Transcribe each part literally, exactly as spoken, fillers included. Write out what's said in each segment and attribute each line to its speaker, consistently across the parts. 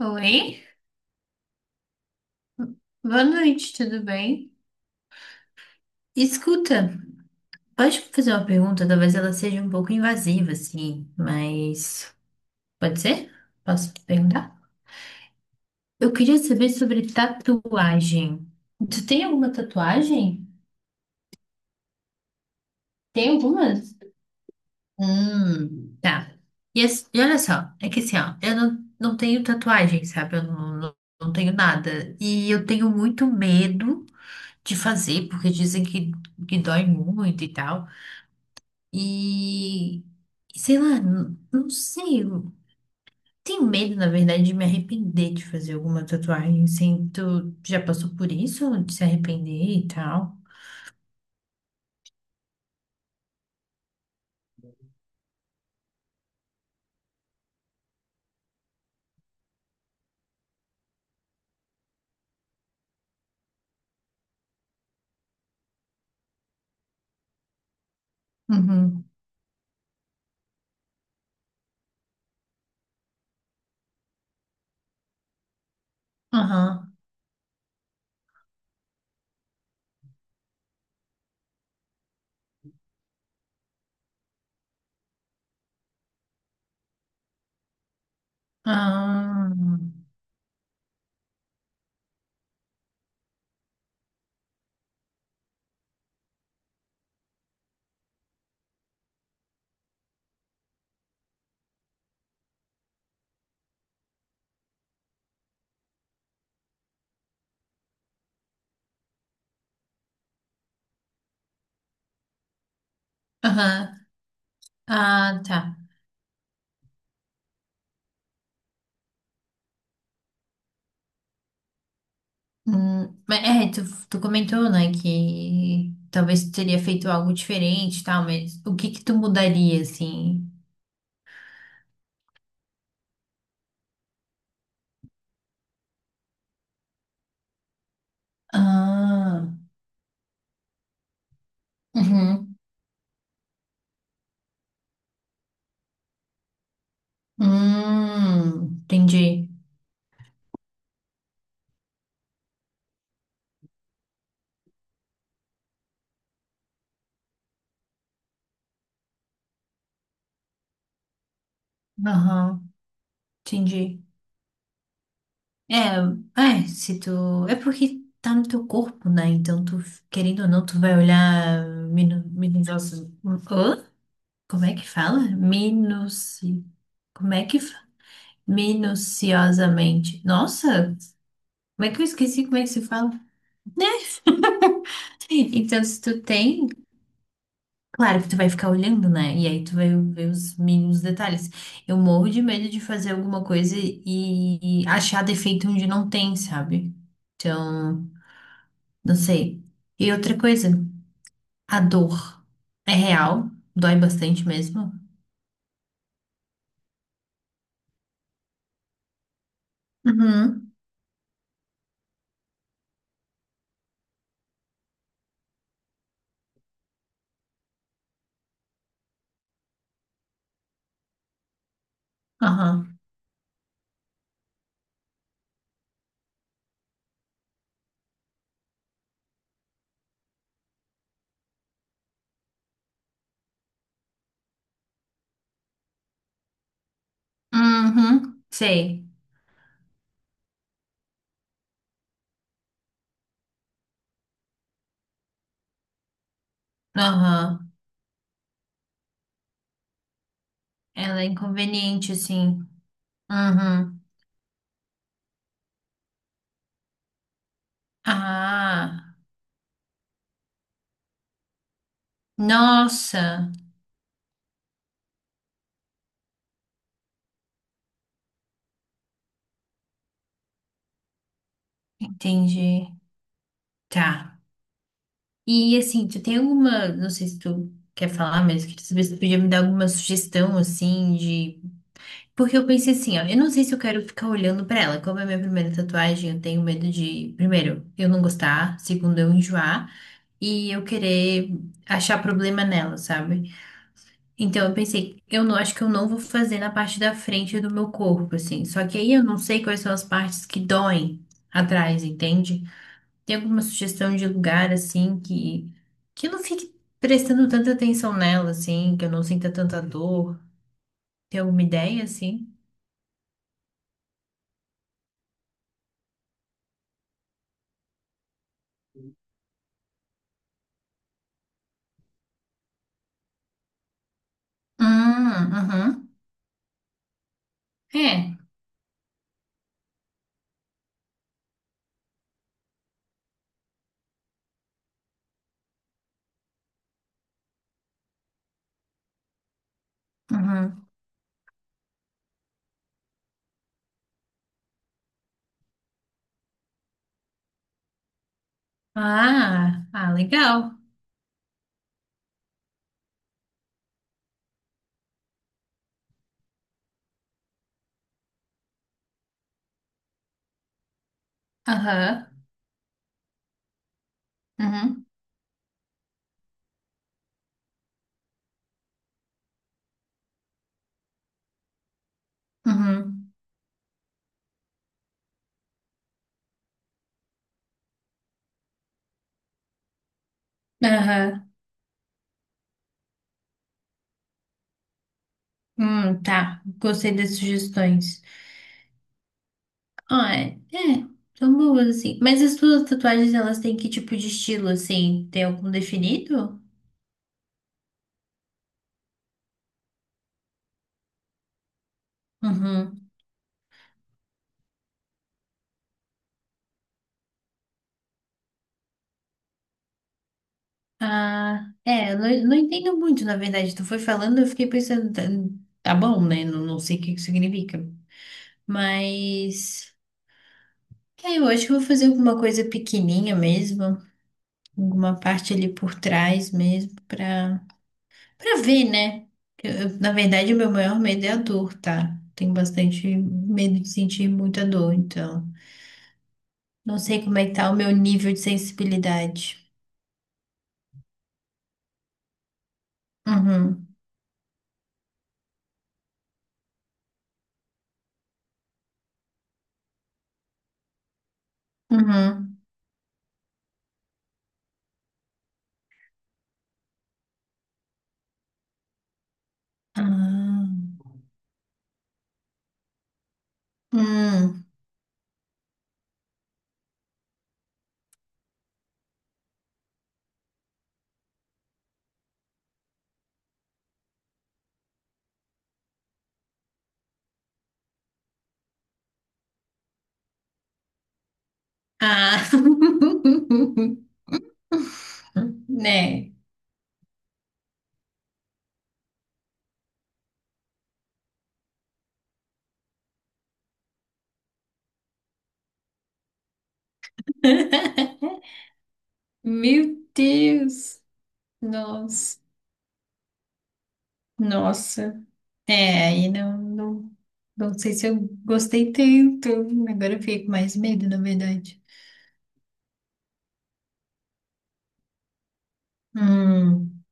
Speaker 1: Oi, boa noite, tudo bem? Escuta, pode fazer uma pergunta? Talvez ela seja um pouco invasiva, assim, mas pode ser? Posso perguntar? Eu queria saber sobre tatuagem. Tu tem alguma tatuagem? Tem algumas? Hum, tá. E, as- e olha só, é que assim, ó, eu não, não tenho tatuagem, sabe? Eu não, não, não tenho nada. E eu tenho muito medo de fazer, porque dizem que, que dói muito e tal. E sei lá, n- não sei. Eu Tenho medo, na verdade, de me arrepender de fazer alguma tatuagem. Assim, tu já passou por isso? De se arrepender e tal? Uhum. Aham. Ah. Aham. Ah, tá. Hum, mas é, tu, tu comentou, né, que talvez tu teria feito algo diferente e tal, mas o que que tu mudaria, assim? Ah. Uhum. Hum, entendi. Aham, entendi. É, é, se tu. É porque tá no teu corpo, né? Então, tu, querendo ou não, tu vai olhar minu, minucioso. Hã? Como é que fala? Minuci. Como é que fala? Minuciosamente. Nossa, como é que eu esqueci como é que se fala? Então, se tu tem, claro que tu vai ficar olhando, né? E aí tu vai ver os mínimos detalhes. Eu morro de medo de fazer alguma coisa e, e achar defeito onde não tem, sabe? Então. Não sei. E outra coisa, a dor é real, dói bastante mesmo. Uhum, aham. Uhum, sei. Aham. Ela é inconveniente, assim. Uhum. Ah, nossa, entendi. Tá. E assim, tu tem alguma, não sei se tu quer falar, mas eu queria saber se tu podia me dar alguma sugestão, assim, de. Porque eu pensei assim, ó, eu não sei se eu quero ficar olhando pra ela. Como é a minha primeira tatuagem, eu tenho medo de, primeiro, eu não gostar, segundo, eu enjoar e eu querer achar problema nela, sabe? Então eu pensei, eu não acho que eu não vou fazer na parte da frente do meu corpo, assim. Só que aí eu não sei quais são as partes que doem atrás, entende? Tem alguma sugestão de lugar assim que que eu não fique prestando tanta atenção nela, assim, que eu não sinta tanta dor? Tem alguma ideia assim? Hum, uhum. É. Uhum. Ah, ah, legal. Aham. Uhum. Uhum. Aham. Hum, tá. Gostei das sugestões. Ah, é. É, são boas, assim. Mas as tuas tatuagens, elas têm que tipo de estilo, assim? Tem algum definido? Uhum. Ah, é. Eu Não, não entendo muito, na verdade. Tu foi falando, eu fiquei pensando, tá, tá bom, né? Não, não sei o que que significa. Mas. É, eu acho que eu vou fazer alguma coisa pequenininha mesmo. Alguma parte ali por trás mesmo, pra, pra ver, né? Eu- eu, na verdade, o meu maior medo é a dor, tá? Tenho bastante medo de sentir muita dor, então. Não sei como é que tá o meu nível de sensibilidade. Uhum, uhum. Ah, hum, ah. Né? Meu Deus! Nossa, nossa. É, aí não, não, não sei se eu gostei tanto. Agora eu fiquei com mais medo, na verdade. Hum,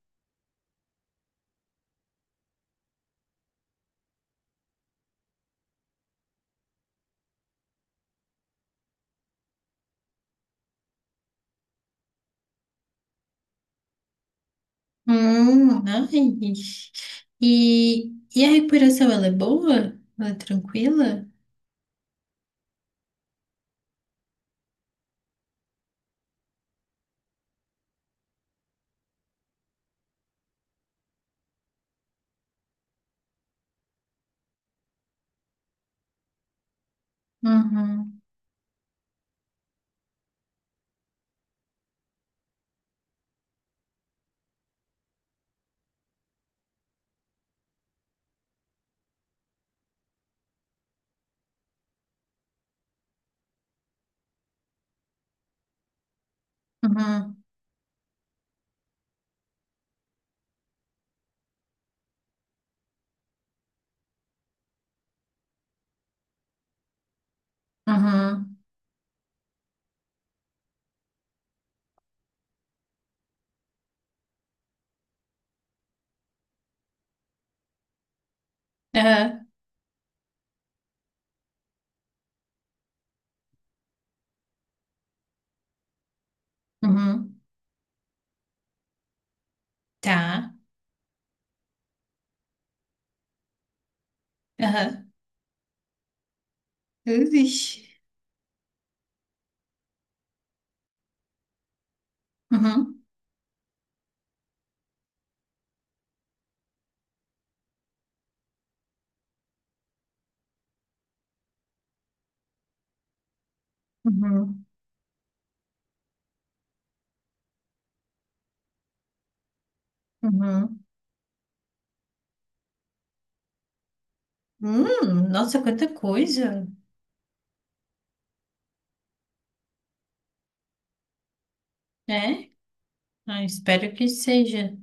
Speaker 1: hum, ai. E, e a recuperação, ela é boa? Ela é tranquila? Uhum, uhum, uhum, aham, uhum, tá, aham, Ixi. Uhum, uhum, uhum. Hum, nossa, quanta coisa, né? Ah, espero que seja.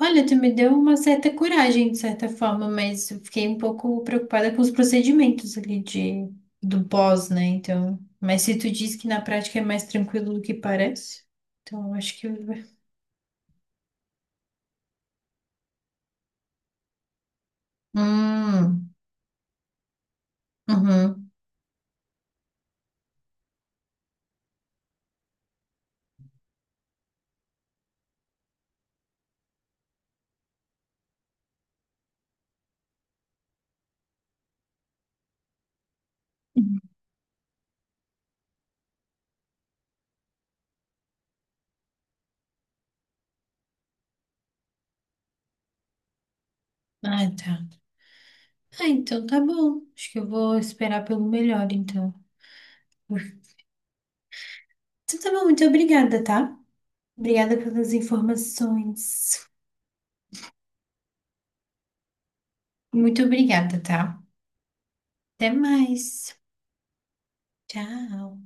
Speaker 1: Olha, tu me deu uma certa coragem, de certa forma, mas eu fiquei um pouco preocupada com os procedimentos ali de, do pós, né? Então, mas se tu diz que na prática é mais tranquilo do que parece, então eu acho que. eu- Hum, uhum. Ah, tá. Ah, então tá bom. Acho que eu vou esperar pelo melhor, então. Então tá bom, muito obrigada, tá? Obrigada pelas informações. Muito obrigada, tá? Até mais. Tchau.